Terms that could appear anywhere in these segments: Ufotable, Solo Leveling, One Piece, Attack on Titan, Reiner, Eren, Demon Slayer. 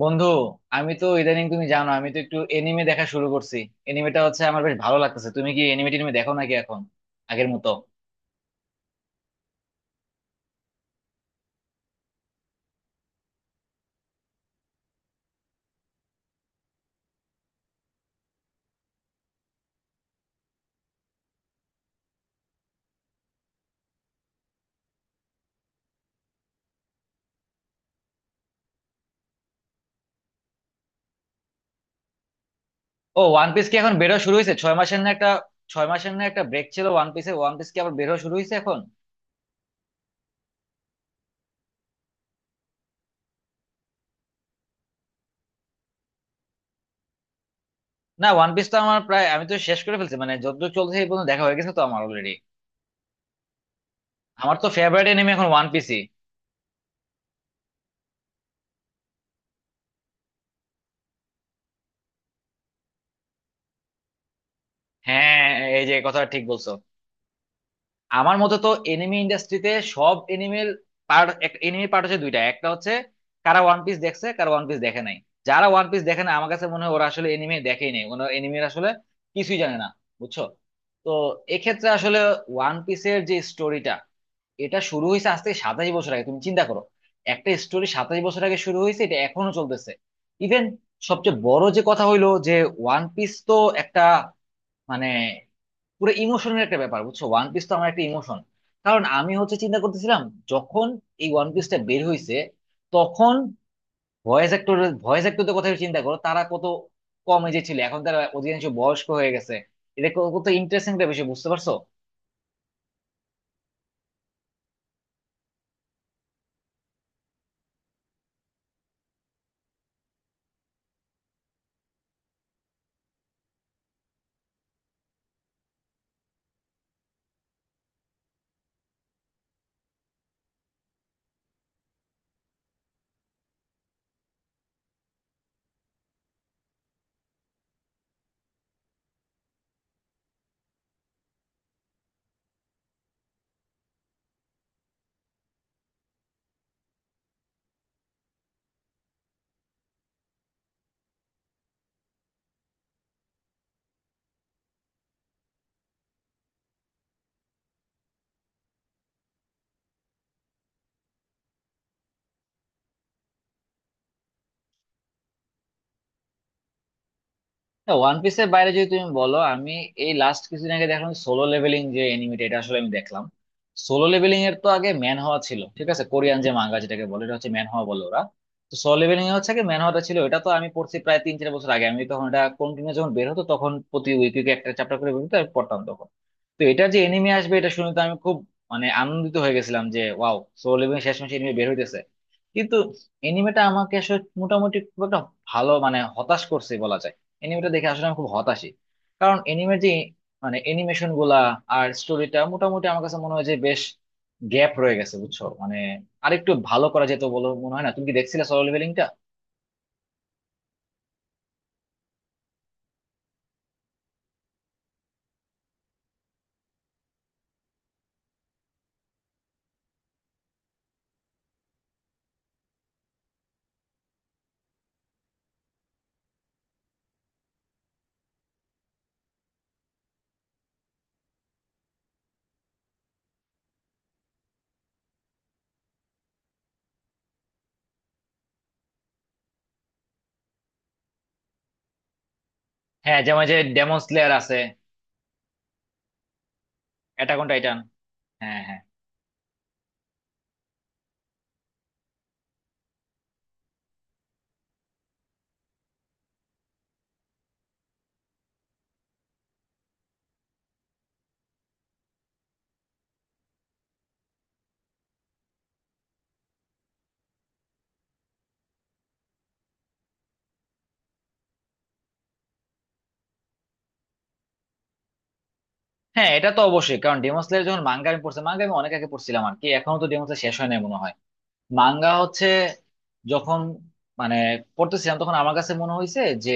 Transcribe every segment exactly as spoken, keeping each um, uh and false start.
বন্ধু, আমি তো ইদানিং, তুমি জানো, আমি তো একটু এনিমে দেখা শুরু করছি। এনিমেটা হচ্ছে আমার বেশ ভালো লাগতেছে। তুমি কি এনিমে টিনিমে দেখো নাকি এখন আগের মতো? ও, ওয়ান পিস কি এখন বেরো শুরু হয়েছে? ছয় মাসের না একটা, ছয় মাসের না একটা ব্রেক ছিল ওয়ান পিসে? ওয়ান পিস কি আবার বেরো শুরু হয়েছে এখন? না, ওয়ান পিস তো আমার প্রায়, আমি তো শেষ করে ফেলছি মানে, যতদূর চলছে এই পর্যন্ত দেখা হয়ে গেছে তো আমার অলরেডি। আমার তো ফেভারিট এনিমে এখন ওয়ান পিসই। হ্যাঁ, এই যে, কথা ঠিক বলছো। আমার মতে তো এনিমি ইন্ডাস্ট্রিতে সব এনিমেল পার্ট, এনিমি পার্ট হচ্ছে দুইটা। একটা হচ্ছে কারা ওয়ান পিস দেখছে, কারা ওয়ান পিস দেখে নাই। যারা ওয়ান পিস দেখে না, আমার কাছে মনে হয় ওরা আসলে এনিমি দেখেই নাই, ওরা এনিমির আসলে কিছুই জানে না, বুঝছো। তো এক্ষেত্রে আসলে ওয়ান পিসের যে স্টোরিটা, এটা শুরু হয়েছে আজ থেকে সাতাশ বছর আগে। তুমি চিন্তা করো, একটা স্টোরি সাতাশ বছর আগে শুরু হয়েছে, এটা এখনো চলতেছে। ইভেন সবচেয়ে বড় যে কথা হইলো যে, ওয়ান পিস তো একটা মানে পুরো ইমোশনের একটা ব্যাপার, বুঝছো। ওয়ান পিস তো আমার একটা ইমোশন। কারণ আমি হচ্ছে চিন্তা করতেছিলাম, যখন এই ওয়ান পিসটা বের হইছে তখন ভয়েস অ্যাক্টর ভয়েস অ্যাক্টরদের কথা চিন্তা করো, তারা কত কম এজে ছিল, এখন তারা অধিকাংশ বয়স্ক হয়ে গেছে। এটা কত ইন্টারেস্টিং একটা বিষয়, বুঝতে পারছো। ওয়ান পিসের বাইরে যদি তুমি বলো, আমি এই লাস্ট কিছুদিন আগে দেখলাম সোলো লেভেলিং, যে এনিমিটা, এটা আসলে আমি দেখলাম। সোলো লেভেলিং এর তো আগে ম্যান হওয়া ছিল, ঠিক আছে, কোরিয়ান যে মাঙ্গা যেটাকে বলে, এটা হচ্ছে ম্যান হওয়া বলে ওরা। তো সোলো লেভেলিং এ হচ্ছে কি, ম্যান হওয়াটা ছিল, এটা তো আমি পড়ছি প্রায় তিন চার বছর আগে। আমি তখন এটা কন্টিনিউ, যখন বের হতো তখন প্রতি উইকে একটা চ্যাপ্টার করে বের হতো, আমি পড়তাম তখন। তো এটা যে এনিমি আসবে এটা শুনে তো আমি খুব মানে আনন্দিত হয়ে গেছিলাম যে ওয়াও, সোল ইভিনিং শেষমেশ এনিমি বের হইতেছে। কিন্তু এনিমেটা আমাকে আসলে মোটামুটি খুব একটা ভালো, মানে হতাশ করছে বলা যায়। এনিমেটা দেখে আসলে আমি খুব হতাশই। কারণ এনিমের যে মানে এনিমেশন গুলা আর স্টোরিটা মোটামুটি আমার কাছে মনে হয় যে বেশ গ্যাপ রয়ে গেছে, বুঝছো। মানে আরেকটু ভালো করা যেত বলে মনে হয় না? তুমি কি দেখছিলে সোল ইভিনিংটা? হ্যাঁ, যেমন যে ডেমন স্লেয়ার আছে, অ্যাটাক অন টাইটান। হ্যাঁ, হ্যাঁ, হ্যাঁ, এটা তো অবশ্যই। কারণ ডেমন স্লেয়ার যখন, মাঙ্গা আমি পড়ছি, মাঙ্গা আমি অনেক আগে পড়ছিলাম আর কি। এখনো তো ডেমন স্লেয়ার শেষ হয় নাই মনে হয়। মাঙ্গা হচ্ছে, যখন মানে পড়তেছিলাম, তখন আমার কাছে মনে হয়েছে যে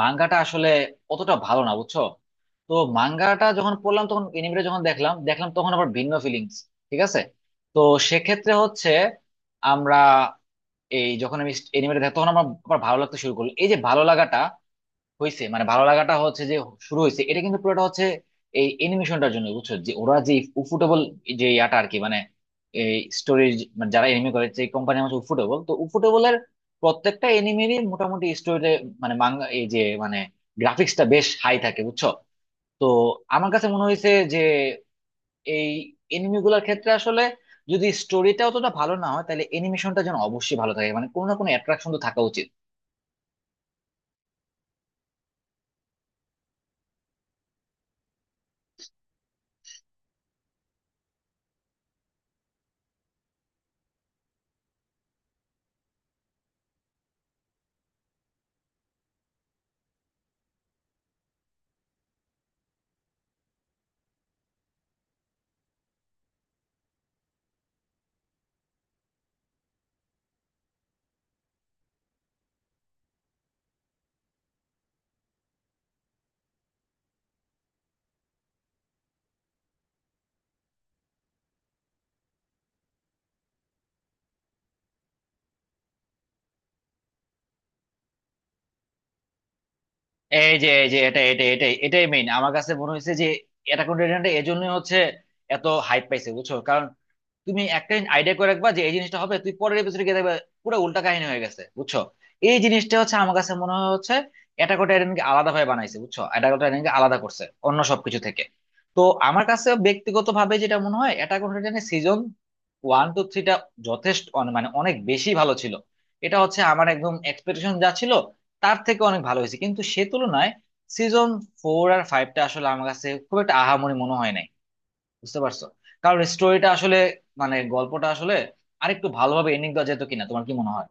মাঙ্গাটা আসলে অতটা ভালো না, বুঝছো। তো মাঙ্গাটা যখন পড়লাম, তখন এনিমেটা যখন দেখলাম দেখলাম তখন আবার ভিন্ন ফিলিংস, ঠিক আছে। তো সেক্ষেত্রে হচ্ছে আমরা, এই যখন আমি এনিমেটা দেখ তখন আমার আবার ভালো লাগতে শুরু করলো। এই যে ভালো লাগাটা হয়েছে, মানে ভালো লাগাটা হচ্ছে যে শুরু হয়েছে, এটা কিন্তু পুরোটা হচ্ছে এই অ্যানিমেশনটার জন্য, বুঝছো। যে ওরা যে উফুটেবল, যে ইয়াটা আর কি, মানে এই স্টোরি, মানে যারা এনিমি করে যে কোম্পানির, হচ্ছে উফুটেবল। তো উফুটেবলের প্রত্যেকটা এনিমেরই মোটামুটি স্টোরিতে, মানে মাঙ্গা, এই যে মানে, গ্রাফিক্সটা বেশ হাই থাকে, বুঝছো। তো আমার কাছে মনে হয়েছে যে এই এনিমি গুলার ক্ষেত্রে আসলে যদি স্টোরিটা অতটা ভালো না হয় তাহলে অ্যানিমেশনটা যেন অবশ্যই ভালো থাকে, মানে কোনো না কোনো অ্যাট্রাকশন তো থাকা উচিত। এই যে এই যে এটা এটা এটাই এটাই মেইন আমার কাছে মনে হয়েছে, যে অ্যাটাক অন টাইটানটা এজন্যই হচ্ছে এত হাইপ পাইছে, বুঝছো। কারণ তুমি একটা আইডিয়া করে রাখবা যে এই জিনিসটা হবে, তুই পরের এপিসোডে গিয়ে দেখবে পুরো উল্টা কাহিনী হয়ে গেছে, বুঝছো। এই জিনিসটা হচ্ছে আমার কাছে মনে হয় হচ্ছে, অ্যাটাক অন টাইটানকে আলাদা ভাবে বানাইছে, বুঝছো, অ্যাটাক অন টাইটানকে আলাদা করছে অন্য সবকিছু থেকে। তো আমার কাছে ব্যক্তিগত ভাবে যেটা মনে হয়, অ্যাটাক অন টাইটানের সিজন ওয়ান টু থ্রিটা যথেষ্ট অনে- মানে অনেক বেশি ভালো ছিল। এটা হচ্ছে আমার একদম এক্সপেকটেশন যা ছিল তার থেকে অনেক ভালো হয়েছে। কিন্তু সে তুলনায় সিজন ফোর আর ফাইভটা আসলে আমার কাছে খুব একটা আহামরি মনে হয় নাই, বুঝতে পারছো। কারণ স্টোরিটা আসলে, মানে গল্পটা আসলে আরেকটু ভালোভাবে এন্ডিং দেওয়া যেত কিনা, তোমার কি মনে হয়?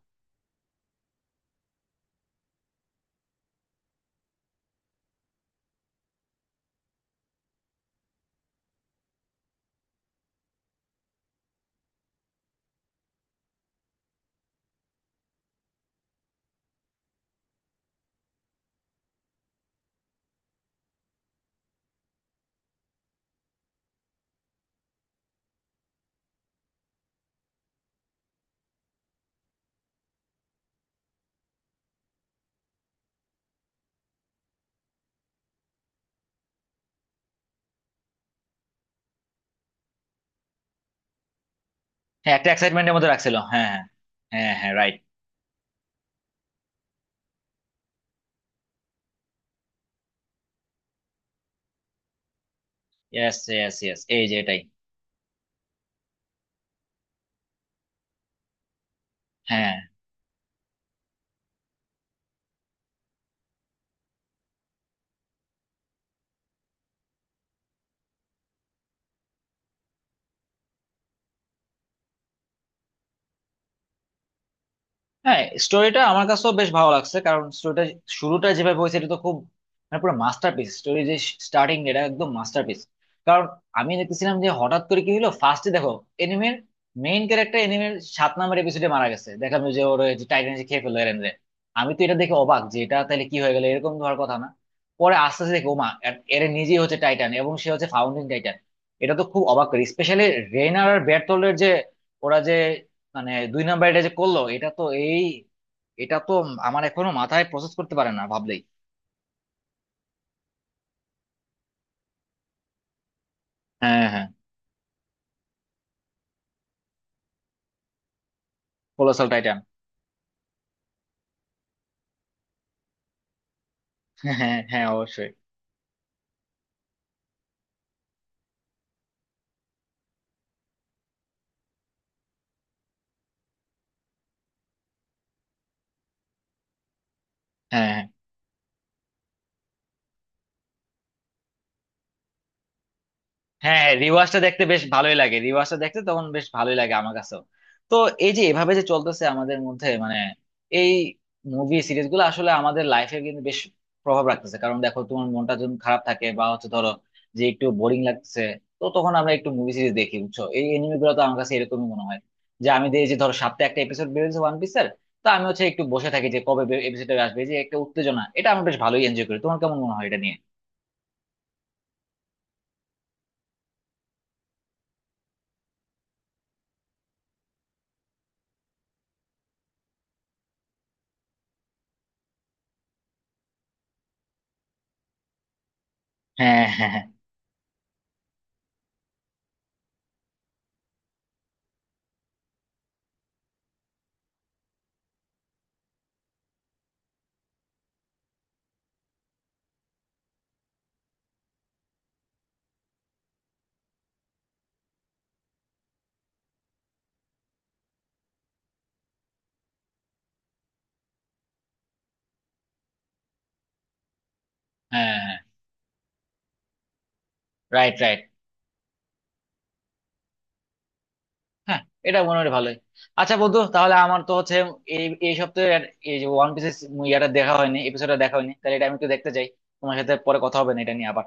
হ্যাঁ, একটা এক্সাইটমেন্টের মধ্যে রাখছিল, হ্যাঁ, হ্যাঁ, হ্যাঁ, হ্যাঁ, রাইট। ইয়েস, ইয়েস, ইয়েস, এই যে এটাই। হ্যাঁ, হ্যাঁ, স্টোরিটা আমার কাছেও বেশ ভালো লাগছে। কারণ স্টোরিটা, শুরুটা যেভাবে হয়েছে এটা তো খুব মানে পুরো মাস্টারপিস স্টোরি যে, স্টার্টিং এটা একদম মাস্টারপিস। কারণ আমি দেখতেছিলাম যে হঠাৎ করে কি হলো, ফার্স্টে দেখো এনিমের মেইন ক্যারেক্টার এনিমের সাত নম্বর এপিসোডে মারা গেছে, দেখলাম যে ওর ওই যে টাইটান খেয়ে ফেললো এরেন রে। আমি তো এটা দেখে অবাক, যে এটা তাহলে কি হয়ে গেল, এরকম ধর কথা না। পরে আস্তে আস্তে দেখো ওমা, এর নিজেই হচ্ছে টাইটান, এবং সে হচ্ছে ফাউন্ডিং টাইটান। এটা তো খুব অবাক করে, স্পেশালি রেইনার আর বেরথোল্ডের যে, ওরা যে মানে দুই নাম্বার এটা যে করলো, এটা তো এই, এটা তো আমার এখনো মাথায় প্রসেস করতে পারে না ভাবলেই। হ্যাঁ, হ্যাঁ, কোলোসাল টাইটান। হ্যাঁ, হ্যাঁ, হ্যাঁ, অবশ্যই। হ্যাঁ, হ্যাঁ, হ্যাঁ, রিওয়াজটা দেখতে বেশ ভালোই লাগে রিওয়াজটা দেখতে তখন বেশ ভালোই লাগে আমার কাছেও। তো এই যে এভাবে যে চলতেছে আমাদের মধ্যে, মানে এই মুভি সিরিজগুলো আসলে আমাদের লাইফে কিন্তু বেশ প্রভাব রাখতেছে। কারণ দেখো, তোমার মনটা যখন খারাপ থাকে বা হচ্ছে ধরো, যে একটু বোরিং লাগছে, তো তখন আমরা একটু মুভি সিরিজ দেখি, বুঝছো। এই এনিমে গুলো তো আমার কাছে এরকমই মনে হয়। যে আমি দেখি যে ধরো সপ্তাহে একটা এপিসোড বেরোচ্ছে ওয়ান পিসের, তো আমি হচ্ছে একটু বসে থাকি যে কবে এপিসোডটা আসবে, এই যে একটা উত্তেজনা, এটা আমি বেশ ভালোই এনজয় করি। তোমার কেমন মনে হয় এটা নিয়ে? হ্যাঁ, হ্যাঁ, হ্যাঁ, হ্যাঁ, রাইট, রাইট। হ্যাঁ, এটা মনে হয় ভালোই। আচ্ছা বন্ধু, তাহলে আমার তো হচ্ছে এই এই সপ্তাহে আর এই যে ওয়ান পিসের ইয়াটা দেখা হয়নি, এপিসোডটা দেখা হয়নি, তাহলে এটা আমি একটু দেখতে চাই। তোমার সাথে পরে কথা হবে না এটা নিয়ে আবার।